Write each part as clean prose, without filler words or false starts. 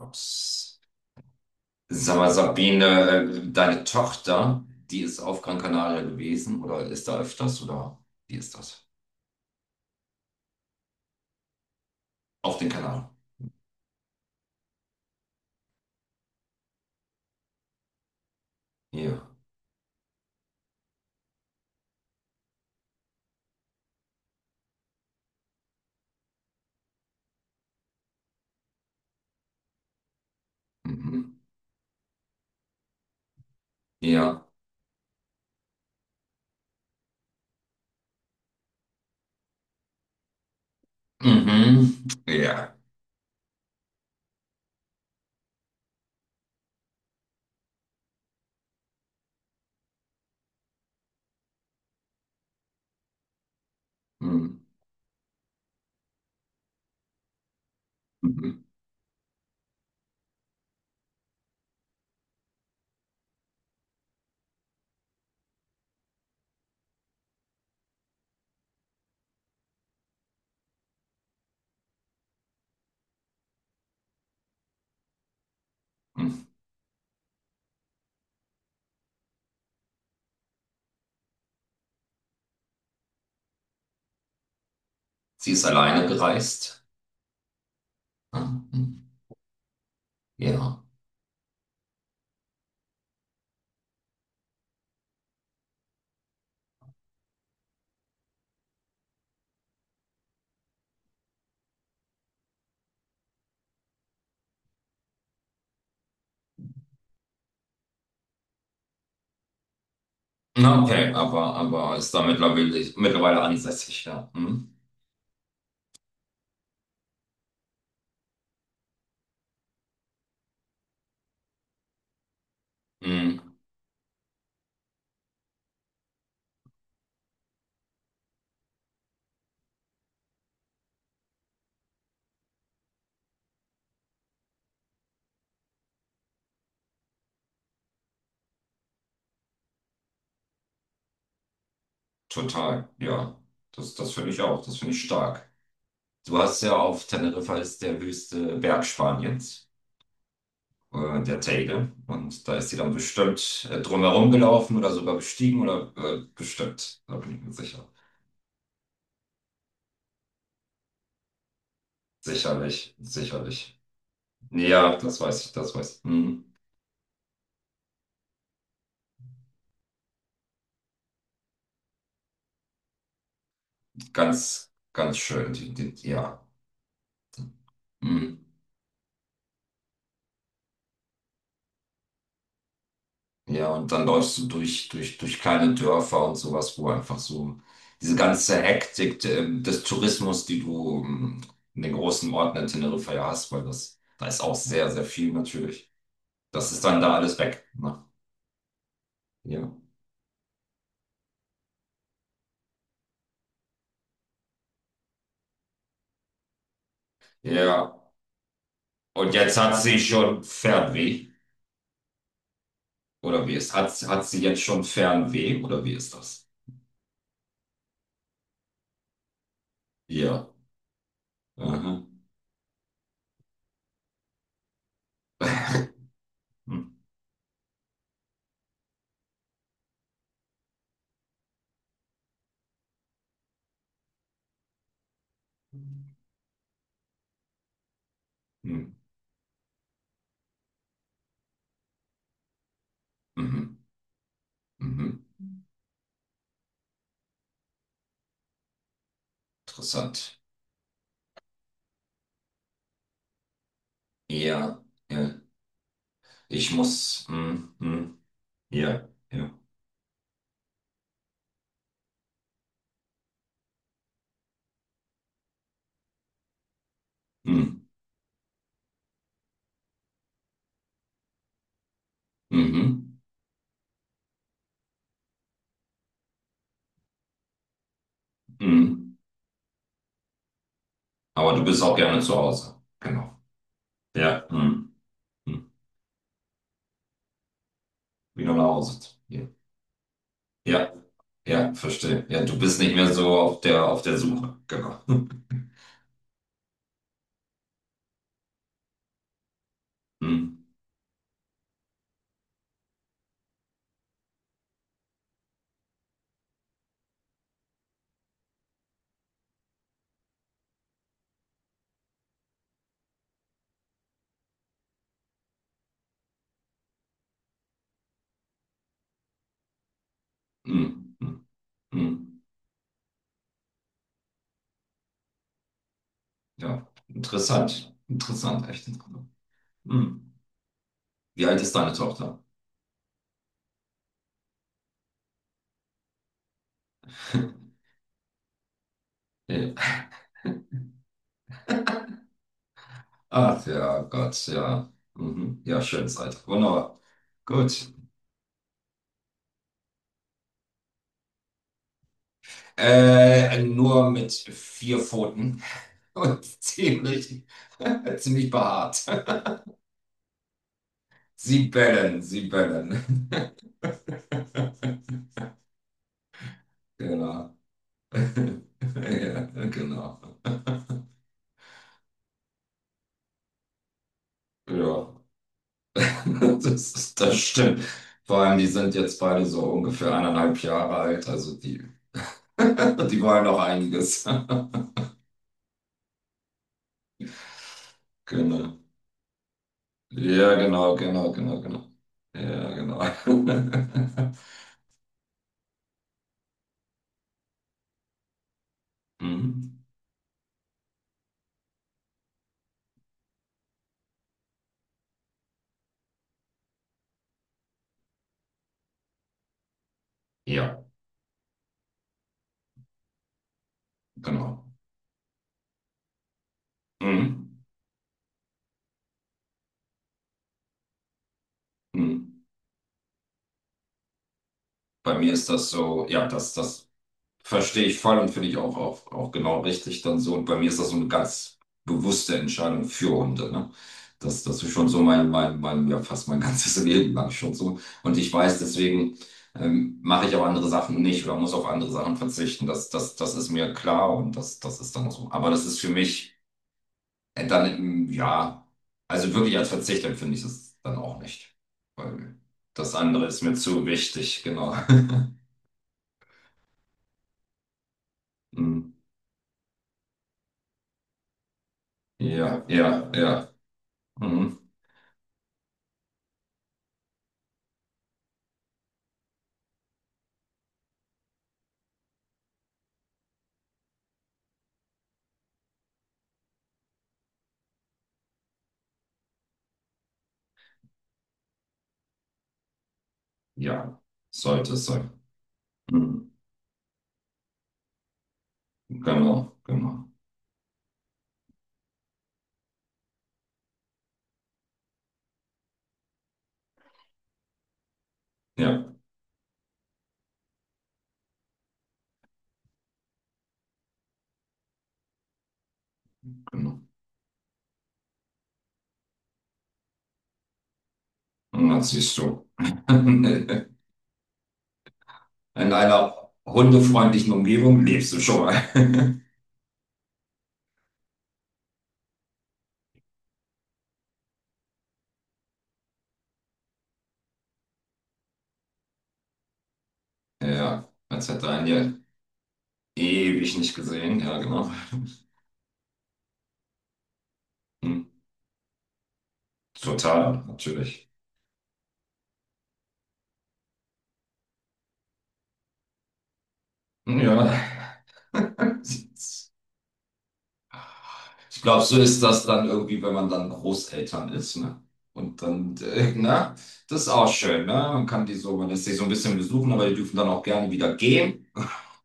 Ups. Sag mal, Sabine, deine Tochter, die ist auf Gran Canaria gewesen oder ist da öfters oder wie ist das? Auf den Kanaren. Ja. Mhm. Ja. Mhm. Ja. Mhm. Mhm. Mhm. Sie ist alleine gereist. Ah. Mhm. Ja. Na, okay, aber ist da mittlerweile, mittlerweile ansässig, ja. Mhm. Mhm. Total, ja. Das finde ich auch, das finde ich stark. Du hast ja, auf Teneriffa ist der höchste Berg Spaniens. Der Teide. Und da ist sie dann bestimmt drumherum gelaufen oder sogar bestiegen oder bestimmt. Da bin ich mir sicher. Sicherlich, sicherlich. Ja, das weiß ich, das weiß ich. Mhm. Ganz, ganz schön. Die, ja. Mhm. Ja, und dann läufst du durch kleine Dörfer und sowas, wo einfach so diese ganze Hektik des Tourismus, die du in den großen Orten in Teneriffa ja hast, weil das, da ist auch sehr, sehr viel natürlich. Das ist dann da alles weg, ne? Ja. Ja. Und jetzt hat sie schon Fernweh, oder wie ist, hat, hat sie jetzt schon Fernweh, oder wie ist das? Ja. Aha. Hm, hm. Mhm. Mhm. Interessant. Ja, ja. Ich muss. Hm, hm. Ja, ja. Hm. Mhm. Mhm. Aber du bist auch gerne zu Hause. Genau. Ja. Hm, hm. Wieder nach Hause. Ja. Ja, ja, verstehe. Ja, du bist nicht mehr so auf der Suche. Genau. Hm, hm, hm, hm. Ja, interessant. Interessant, echt interessant. Hm. Wie alt ist deine Tochter? Ja. Ach ja, Gott, ja. Mhm. Ja, schönes Alter. Wunderbar. Gut. Nur mit vier Pfoten, und ziemlich, ziemlich behaart. Sie bellen, sie bellen. Genau. Ja, genau. Ja. Das stimmt. Vor allem, die sind jetzt beide so ungefähr eineinhalb Jahre alt, also die, die wollen noch einiges. Genau. Ja, genau, genau, genau, genau. Ja, genau. Mhm. Ja, genau. Mhm. Mhm. Bei mir ist das so, ja, das. Verstehe ich voll und finde ich auch, auch, auch genau richtig dann so. Und bei mir ist das so eine ganz bewusste Entscheidung für Hunde, ne? Das ist schon so mein, ja, fast mein ganzes Leben lang schon so. Und ich weiß, deswegen mache ich auch andere Sachen nicht oder muss auf andere Sachen verzichten. Das ist mir klar und das ist dann so. Aber das ist für mich dann, ja, also wirklich als Verzicht empfinde ich es dann auch nicht. Weil das andere ist mir zu wichtig, genau. Mm. Ja, ja, ja. Mhm. Ja, sollte es sein. Mhm. Genau, genau. Ja, genau. Und dann siehst du, in einer hundefreundlichen Umgebung lebst du schon mal. Ja, als hätte er ihn ja ewig nicht gesehen. Ja, genau. Hm. Total, natürlich. Hm. Ja. Ich glaube, so ist das dann irgendwie, wenn man dann Großeltern ist, ne? Und dann, ne? Das ist auch schön, ne? Man kann die so, man lässt sich so ein bisschen besuchen, aber die dürfen dann auch gerne wieder gehen.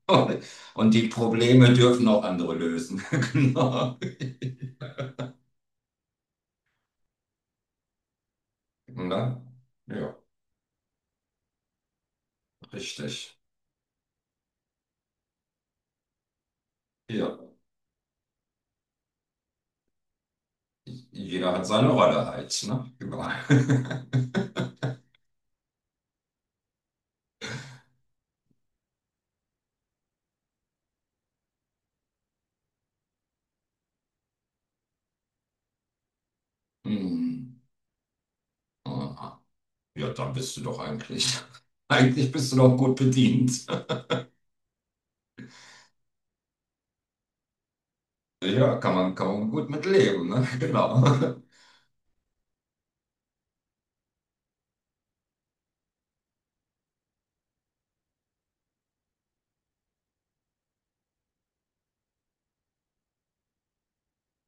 Und die Probleme dürfen auch andere lösen. Genau. Ne? Ja, richtig. Ja, jeder hat seine Rolle halt, ne? Genau. Hm. Aha. Ja, dann bist du doch eigentlich, eigentlich bist du doch gut bedient. Ja, kann man gut mit leben, ne? Genau.